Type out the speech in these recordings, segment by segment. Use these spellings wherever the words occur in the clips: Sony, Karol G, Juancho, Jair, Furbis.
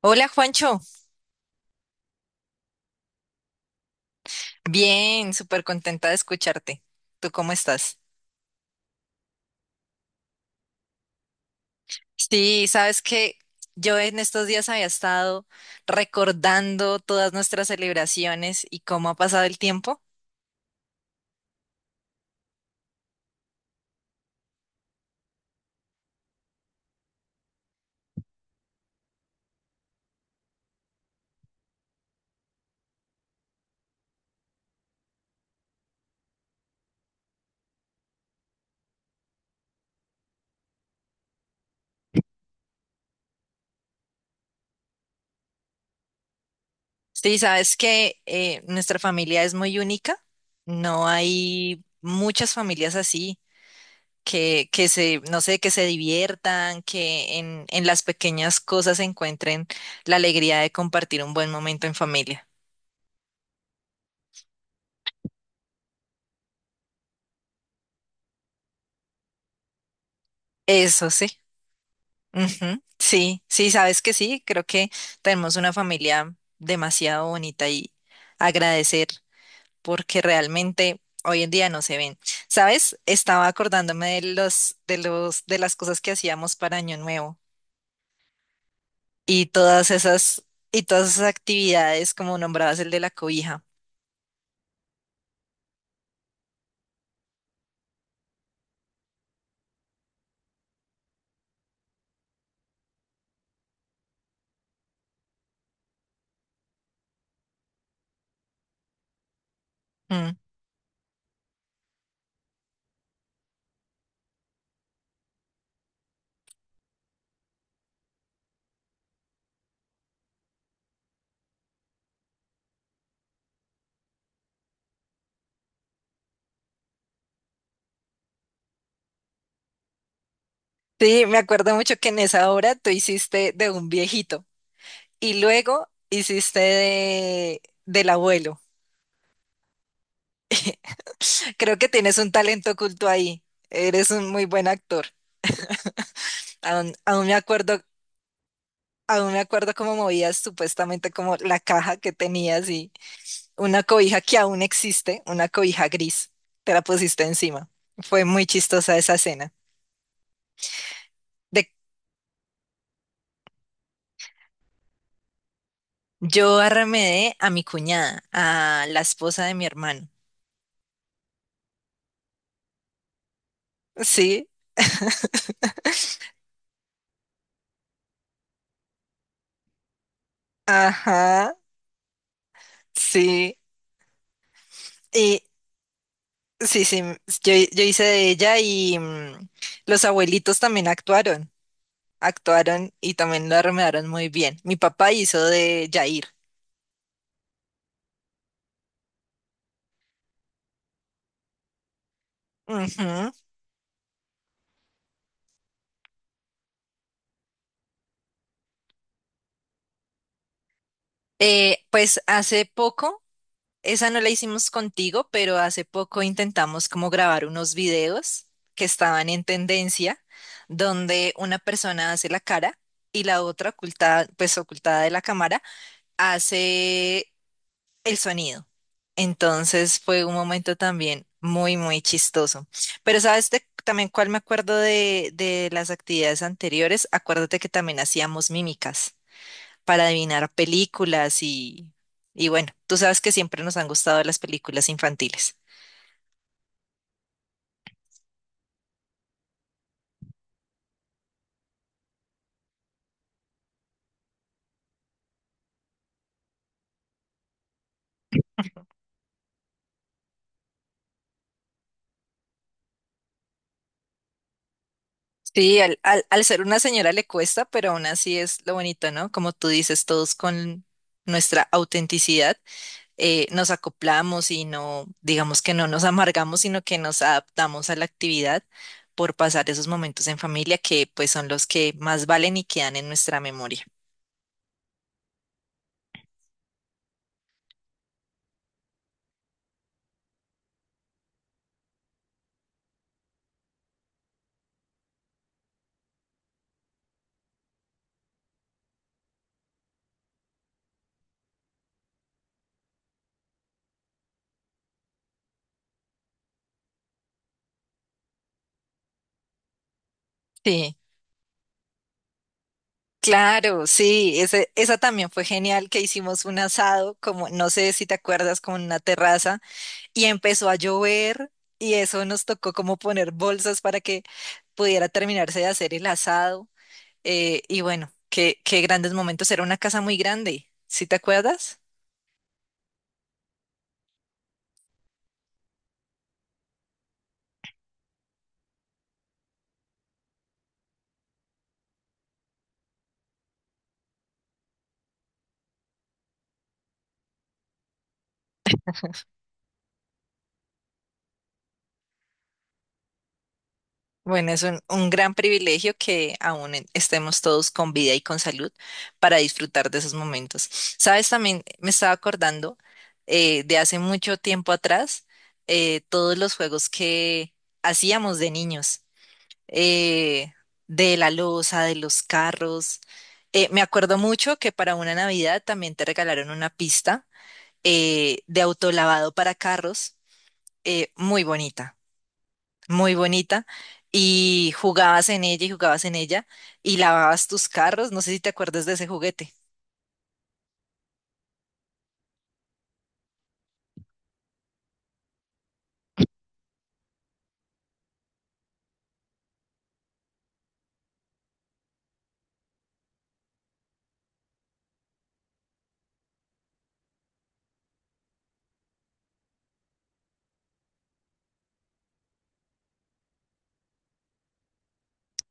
Hola Juancho, bien, súper contenta de escucharte. ¿Tú cómo estás? Sí, sabes que yo en estos días había estado recordando todas nuestras celebraciones y cómo ha pasado el tiempo. Sí, sabes que nuestra familia es muy única, no hay muchas familias así. Que se, no sé, que se diviertan, que en las pequeñas cosas encuentren la alegría de compartir un buen momento en familia. Eso sí. Ujú. Sí, sí, sabes que sí, creo que tenemos una familia demasiado bonita y agradecer porque realmente hoy en día no se ven. ¿Sabes? Estaba acordándome de de las cosas que hacíamos para Año Nuevo y todas esas, y todas esas actividades, como nombrabas el de la cobija. Mm. Sí, me acuerdo mucho que en esa obra tú hiciste de un viejito y luego hiciste del abuelo. Creo que tienes un talento oculto ahí. Eres un muy buen actor. Aún, aún me acuerdo, aún me acuerdo cómo movías supuestamente como la caja que tenías y una cobija que aún existe, una cobija gris. Te la pusiste encima. Fue muy chistosa esa escena. De, yo arremedé a mi cuñada, a la esposa de mi hermano. Sí. Ajá, sí. Y sí, sí, yo hice de ella y los abuelitos también actuaron. Actuaron y también lo armaron muy bien. Mi papá hizo de Jair. Ujú. Pues hace poco, esa no la hicimos contigo, pero hace poco intentamos como grabar unos videos que estaban en tendencia, donde una persona hace la cara y la otra ocultada, pues ocultada de la cámara, hace el sonido. Entonces fue un momento también muy, muy chistoso. Pero sabes también cuál me acuerdo de las actividades anteriores. Acuérdate que también hacíamos mímicas para adivinar películas y bueno, tú sabes que siempre nos han gustado las películas infantiles. Sí, al ser una señora le cuesta, pero aún así es lo bonito, ¿no? Como tú dices, todos con nuestra autenticidad. Nos acoplamos y no, digamos que no nos amargamos, sino que nos adaptamos a la actividad por pasar esos momentos en familia que pues son los que más valen y quedan en nuestra memoria. Sí, claro, sí, esa también fue genial que hicimos un asado, como no sé si te acuerdas, como en una terraza y empezó a llover y eso nos tocó como poner bolsas para que pudiera terminarse de hacer el asado, y bueno, qué, qué grandes momentos, era una casa muy grande, ¿sí te acuerdas? Bueno, es un gran privilegio que aún estemos todos con vida y con salud para disfrutar de esos momentos. Sabes, también me estaba acordando de hace mucho tiempo atrás, todos los juegos que hacíamos de niños, eh, de la loza, de los carros. Me acuerdo mucho que para una Navidad también te regalaron una pista de autolavado para carros, muy bonita, muy bonita, y jugabas en ella y lavabas tus carros. No sé si te acuerdas de ese juguete.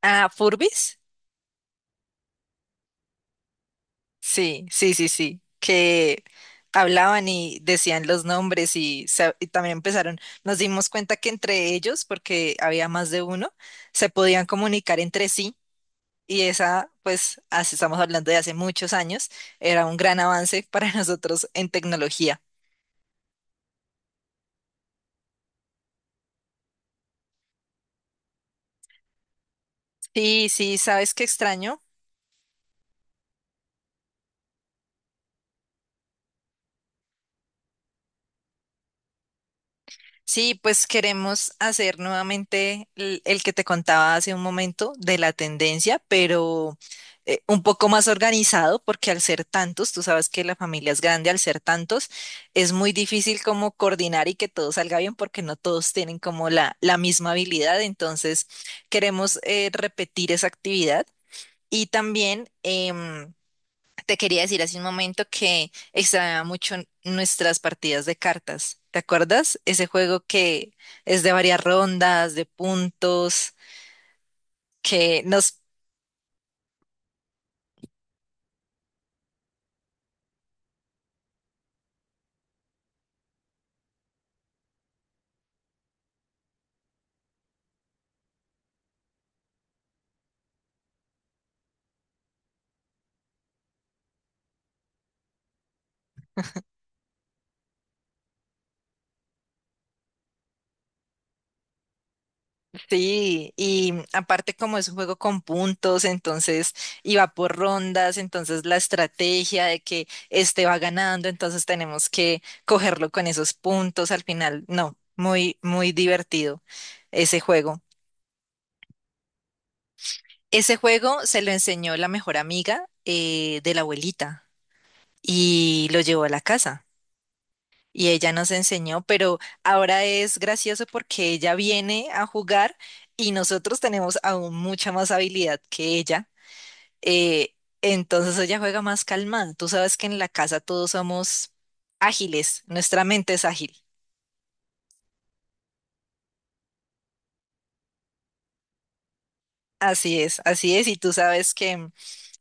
Ah, Furbis. Sí, sí, sí, sí. Que hablaban y decían los nombres, y también empezaron. Nos dimos cuenta que entre ellos, porque había más de uno, se podían comunicar entre sí. Y esa, pues, así estamos hablando de hace muchos años, era un gran avance para nosotros en tecnología. Sí, sí, ¿sabes qué extraño? Sí, pues queremos hacer nuevamente el que te contaba hace un momento de la tendencia, pero un poco más organizado, porque al ser tantos, tú sabes que la familia es grande, al ser tantos, es muy difícil como coordinar y que todo salga bien, porque no todos tienen como la misma habilidad. Entonces, queremos repetir esa actividad y también... te quería decir hace un momento que extrañaba mucho nuestras partidas de cartas. ¿Te acuerdas? Ese juego que es de varias rondas, de puntos, que nos... Sí, y aparte como es un juego con puntos, entonces iba por rondas, entonces la estrategia de que este va ganando, entonces tenemos que cogerlo con esos puntos al final. No, muy, muy divertido ese juego. Ese juego se lo enseñó la mejor amiga de la abuelita, y lo llevó a la casa. Y ella nos enseñó, pero ahora es gracioso porque ella viene a jugar y nosotros tenemos aún mucha más habilidad que ella. eh, entonces ella juega más calmada. Tú sabes que en la casa todos somos ágiles, nuestra mente es ágil. Así es, así es. Y tú sabes que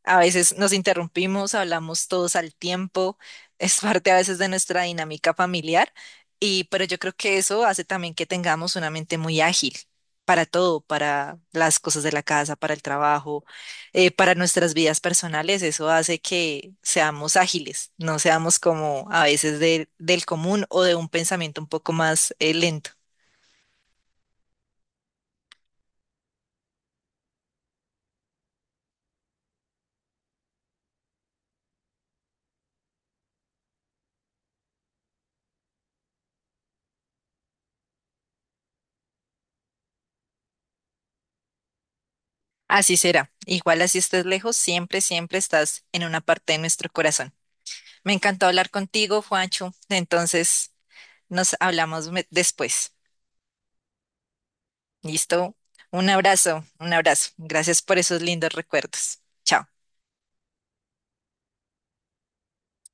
a veces nos interrumpimos, hablamos todos al tiempo, es parte a veces de nuestra dinámica familiar, y pero yo creo que eso hace también que tengamos una mente muy ágil para todo, para las cosas de la casa, para el trabajo, para nuestras vidas personales. Eso hace que seamos ágiles, no seamos como a veces del común o de un pensamiento un poco más lento. Así será. Igual así estés lejos, siempre, siempre estás en una parte de nuestro corazón. Me encantó hablar contigo, Juancho. Entonces, nos hablamos después. ¿Listo? Un abrazo, un abrazo. Gracias por esos lindos recuerdos. Chao.